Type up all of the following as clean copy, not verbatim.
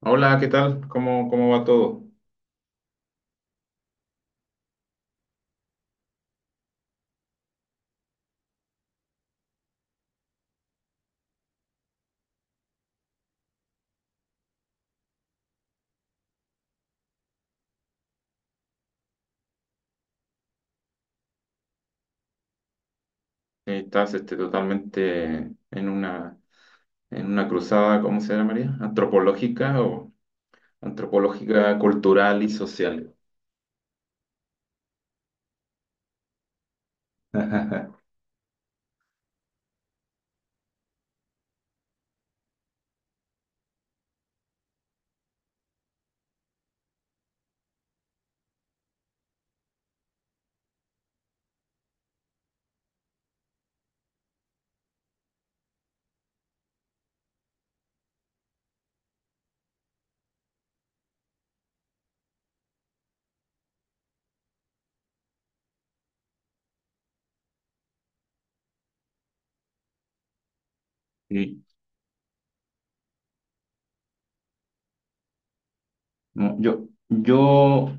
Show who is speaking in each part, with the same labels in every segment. Speaker 1: Hola, ¿qué tal? ¿Cómo, cómo va todo? Estás totalmente en una cruzada, ¿cómo se llama María? ¿Antropológica o antropológica, cultural y social? Sí. No, yo,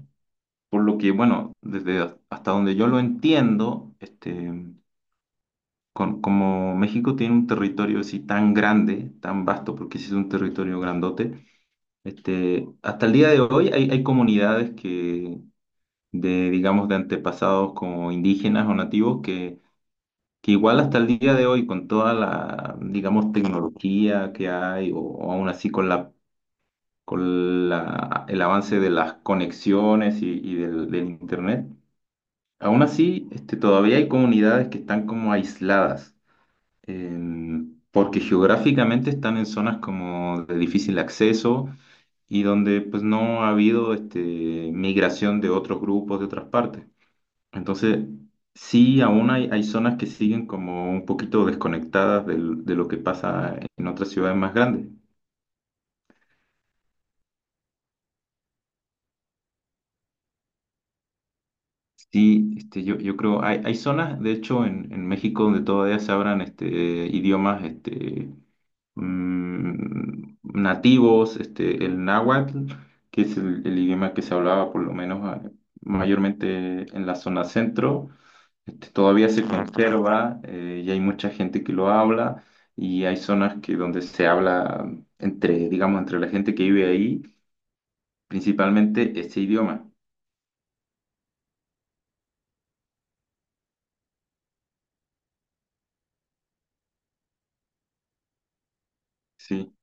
Speaker 1: por lo que, bueno, hasta donde yo lo entiendo, como México tiene un territorio así tan grande, tan vasto, porque sí es un territorio grandote, hasta el día de hoy hay comunidades que, de, digamos, de antepasados como indígenas o nativos que igual hasta el día de hoy, con toda la, digamos, tecnología que hay, o aún así con el avance de las conexiones y, del Internet, aún así, todavía hay comunidades que están como aisladas. Porque geográficamente están en zonas como de difícil acceso y donde pues no ha habido migración de otros grupos de otras partes. Entonces, sí, aún hay zonas que siguen como un poquito desconectadas de lo que pasa en otras ciudades más grandes. Sí, yo creo, hay zonas, de hecho, en México donde todavía se hablan idiomas nativos, este, el náhuatl, que es el idioma que se hablaba por lo menos mayormente en la zona centro. Todavía se conserva, y hay mucha gente que lo habla y hay zonas que donde se habla entre, digamos, entre la gente que vive ahí, principalmente este idioma. Sí,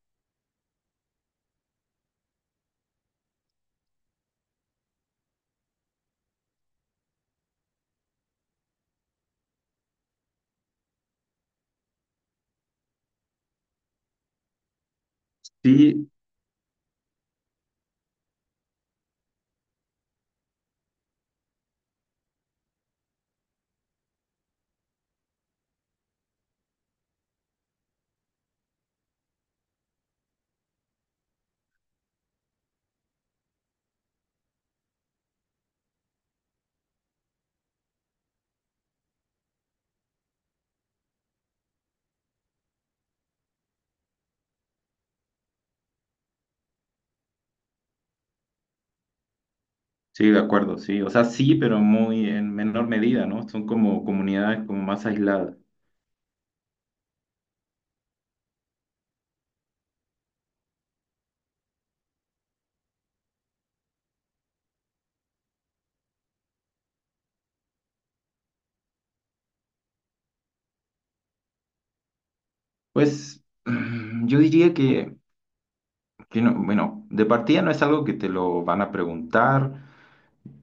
Speaker 1: sí, sí, de acuerdo, sí. O sea, sí, pero muy en menor medida, ¿no? Son como comunidades como más aisladas. Pues yo diría que no, bueno, de partida no es algo que te lo van a preguntar.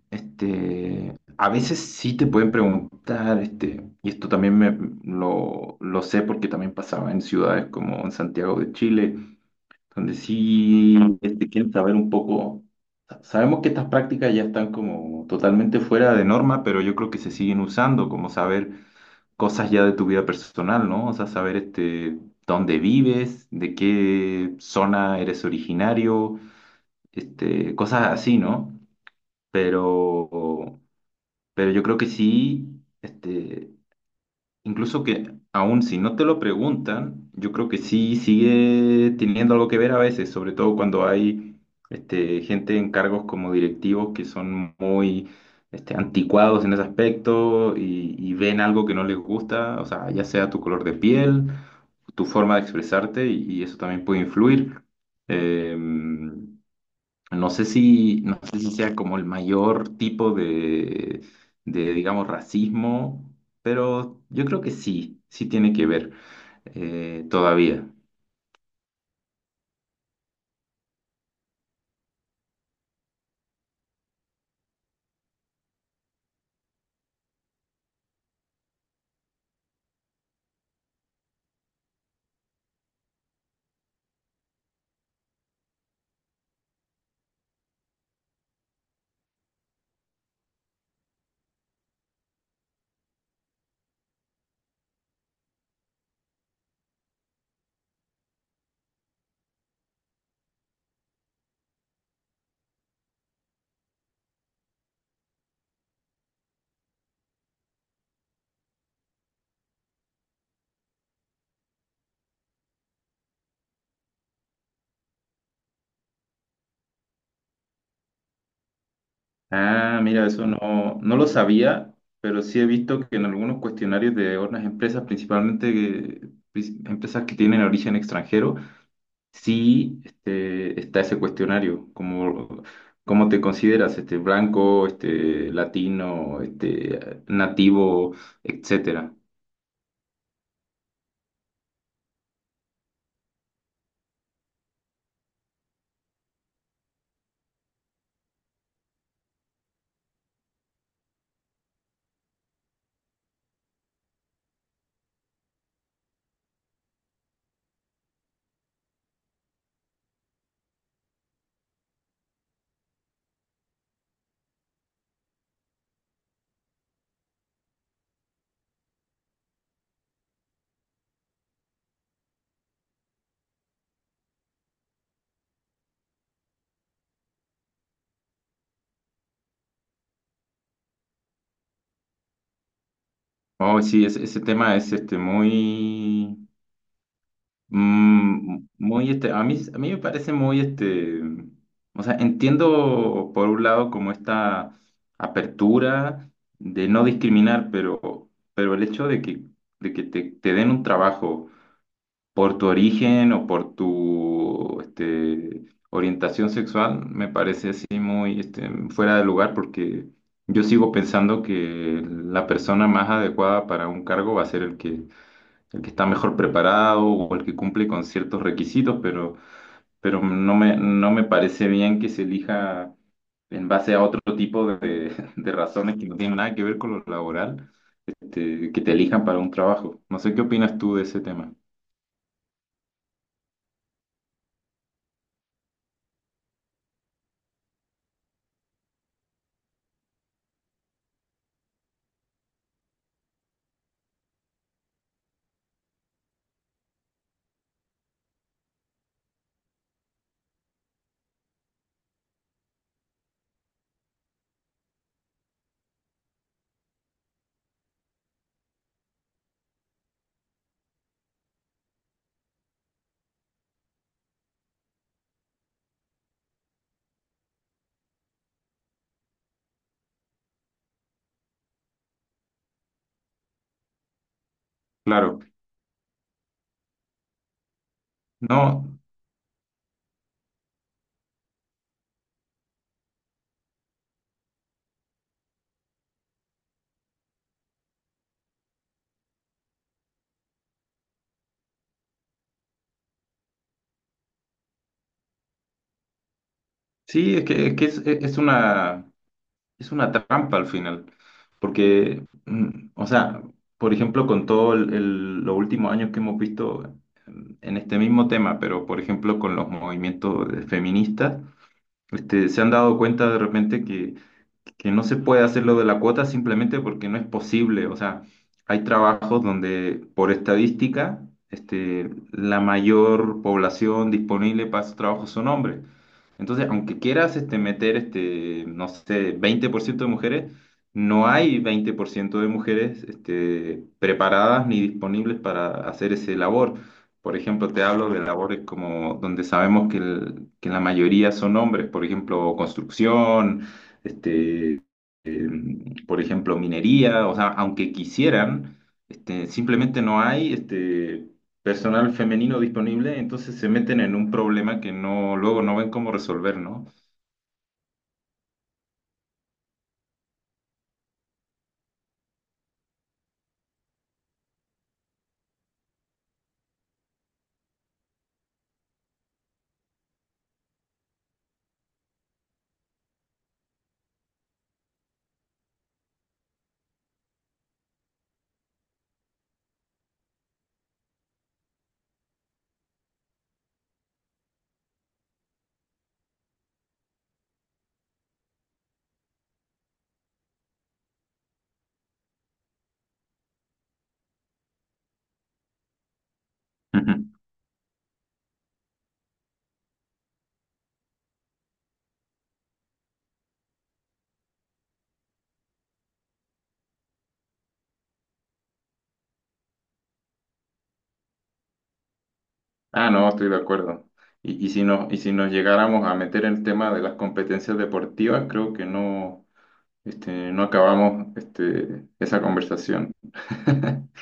Speaker 1: A veces sí te pueden preguntar, este, y esto también me, lo sé porque también pasaba en ciudades como en Santiago de Chile, donde sí este, quieren saber un poco. Sabemos que estas prácticas ya están como totalmente fuera de norma, pero yo creo que se siguen usando, como saber cosas ya de tu vida personal, ¿no? O sea, saber este, dónde vives, de qué zona eres originario, este, cosas así, ¿no? Pero pero yo creo que sí, este, incluso que aun si no te lo preguntan, yo creo que sí sigue teniendo algo que ver a veces, sobre todo cuando hay gente en cargos como directivos que son muy anticuados en ese aspecto y ven algo que no les gusta, o sea, ya sea tu color de piel, tu forma de expresarte y eso también puede influir. Em, no sé si, no sé si sea como el mayor tipo de, digamos, racismo, pero yo creo que sí, sí tiene que ver, todavía. Ah, mira, eso no, no lo sabía, pero sí he visto que en algunos cuestionarios de otras empresas, principalmente empresas que tienen origen extranjero. Sí, está ese cuestionario, como cómo te consideras, este, blanco, este, latino, este, nativo, etcétera. Oh, sí, ese tema es muy este, a mí me parece muy este, o sea, entiendo por un lado como esta apertura de no discriminar, pero el hecho de que te den un trabajo por tu origen o por tu este, orientación sexual, me parece así muy este, fuera de lugar porque yo sigo pensando que la persona más adecuada para un cargo va a ser el que está mejor preparado o el que cumple con ciertos requisitos, pero no me, no me parece bien que se elija en base a otro tipo de, de razones que no tienen nada que ver con lo laboral, este, que te elijan para un trabajo. No sé qué opinas tú de ese tema. Claro. No, sí, es que, es, que es, e, es una trampa al final, porque, mm, o sea, por ejemplo, con todo los últimos años que hemos visto en este mismo tema, pero por ejemplo con los movimientos feministas, este, se han dado cuenta de repente que no se puede hacer lo de la cuota simplemente porque no es posible. O sea, hay trabajos donde por estadística, este, la mayor población disponible para esos trabajos son hombres. Entonces, aunque quieras este, meter, este, no sé, 20% de mujeres, no hay 20% de mujeres este, preparadas ni disponibles para hacer ese labor. Por ejemplo, te hablo de labores como donde sabemos que, que la mayoría son hombres, por ejemplo, construcción, este, eh, por ejemplo, minería, o sea, aunque quisieran, simplemente no hay personal femenino disponible, entonces se meten en un problema que no, luego no ven cómo resolver, ¿no? Ujú. Ah, no, estoy de acuerdo. Y si nos llegáramos a meter el tema de las competencias deportivas, creo que no, no acabamos este, esa conversación.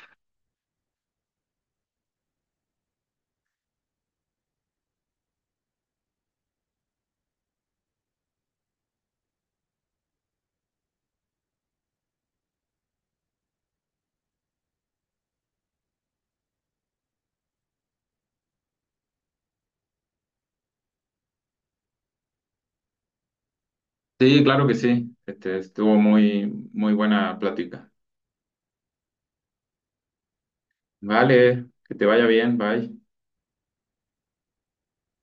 Speaker 1: Sí, claro que sí. Este, estuvo muy, muy buena plática. Vale, que te vaya bien, bye.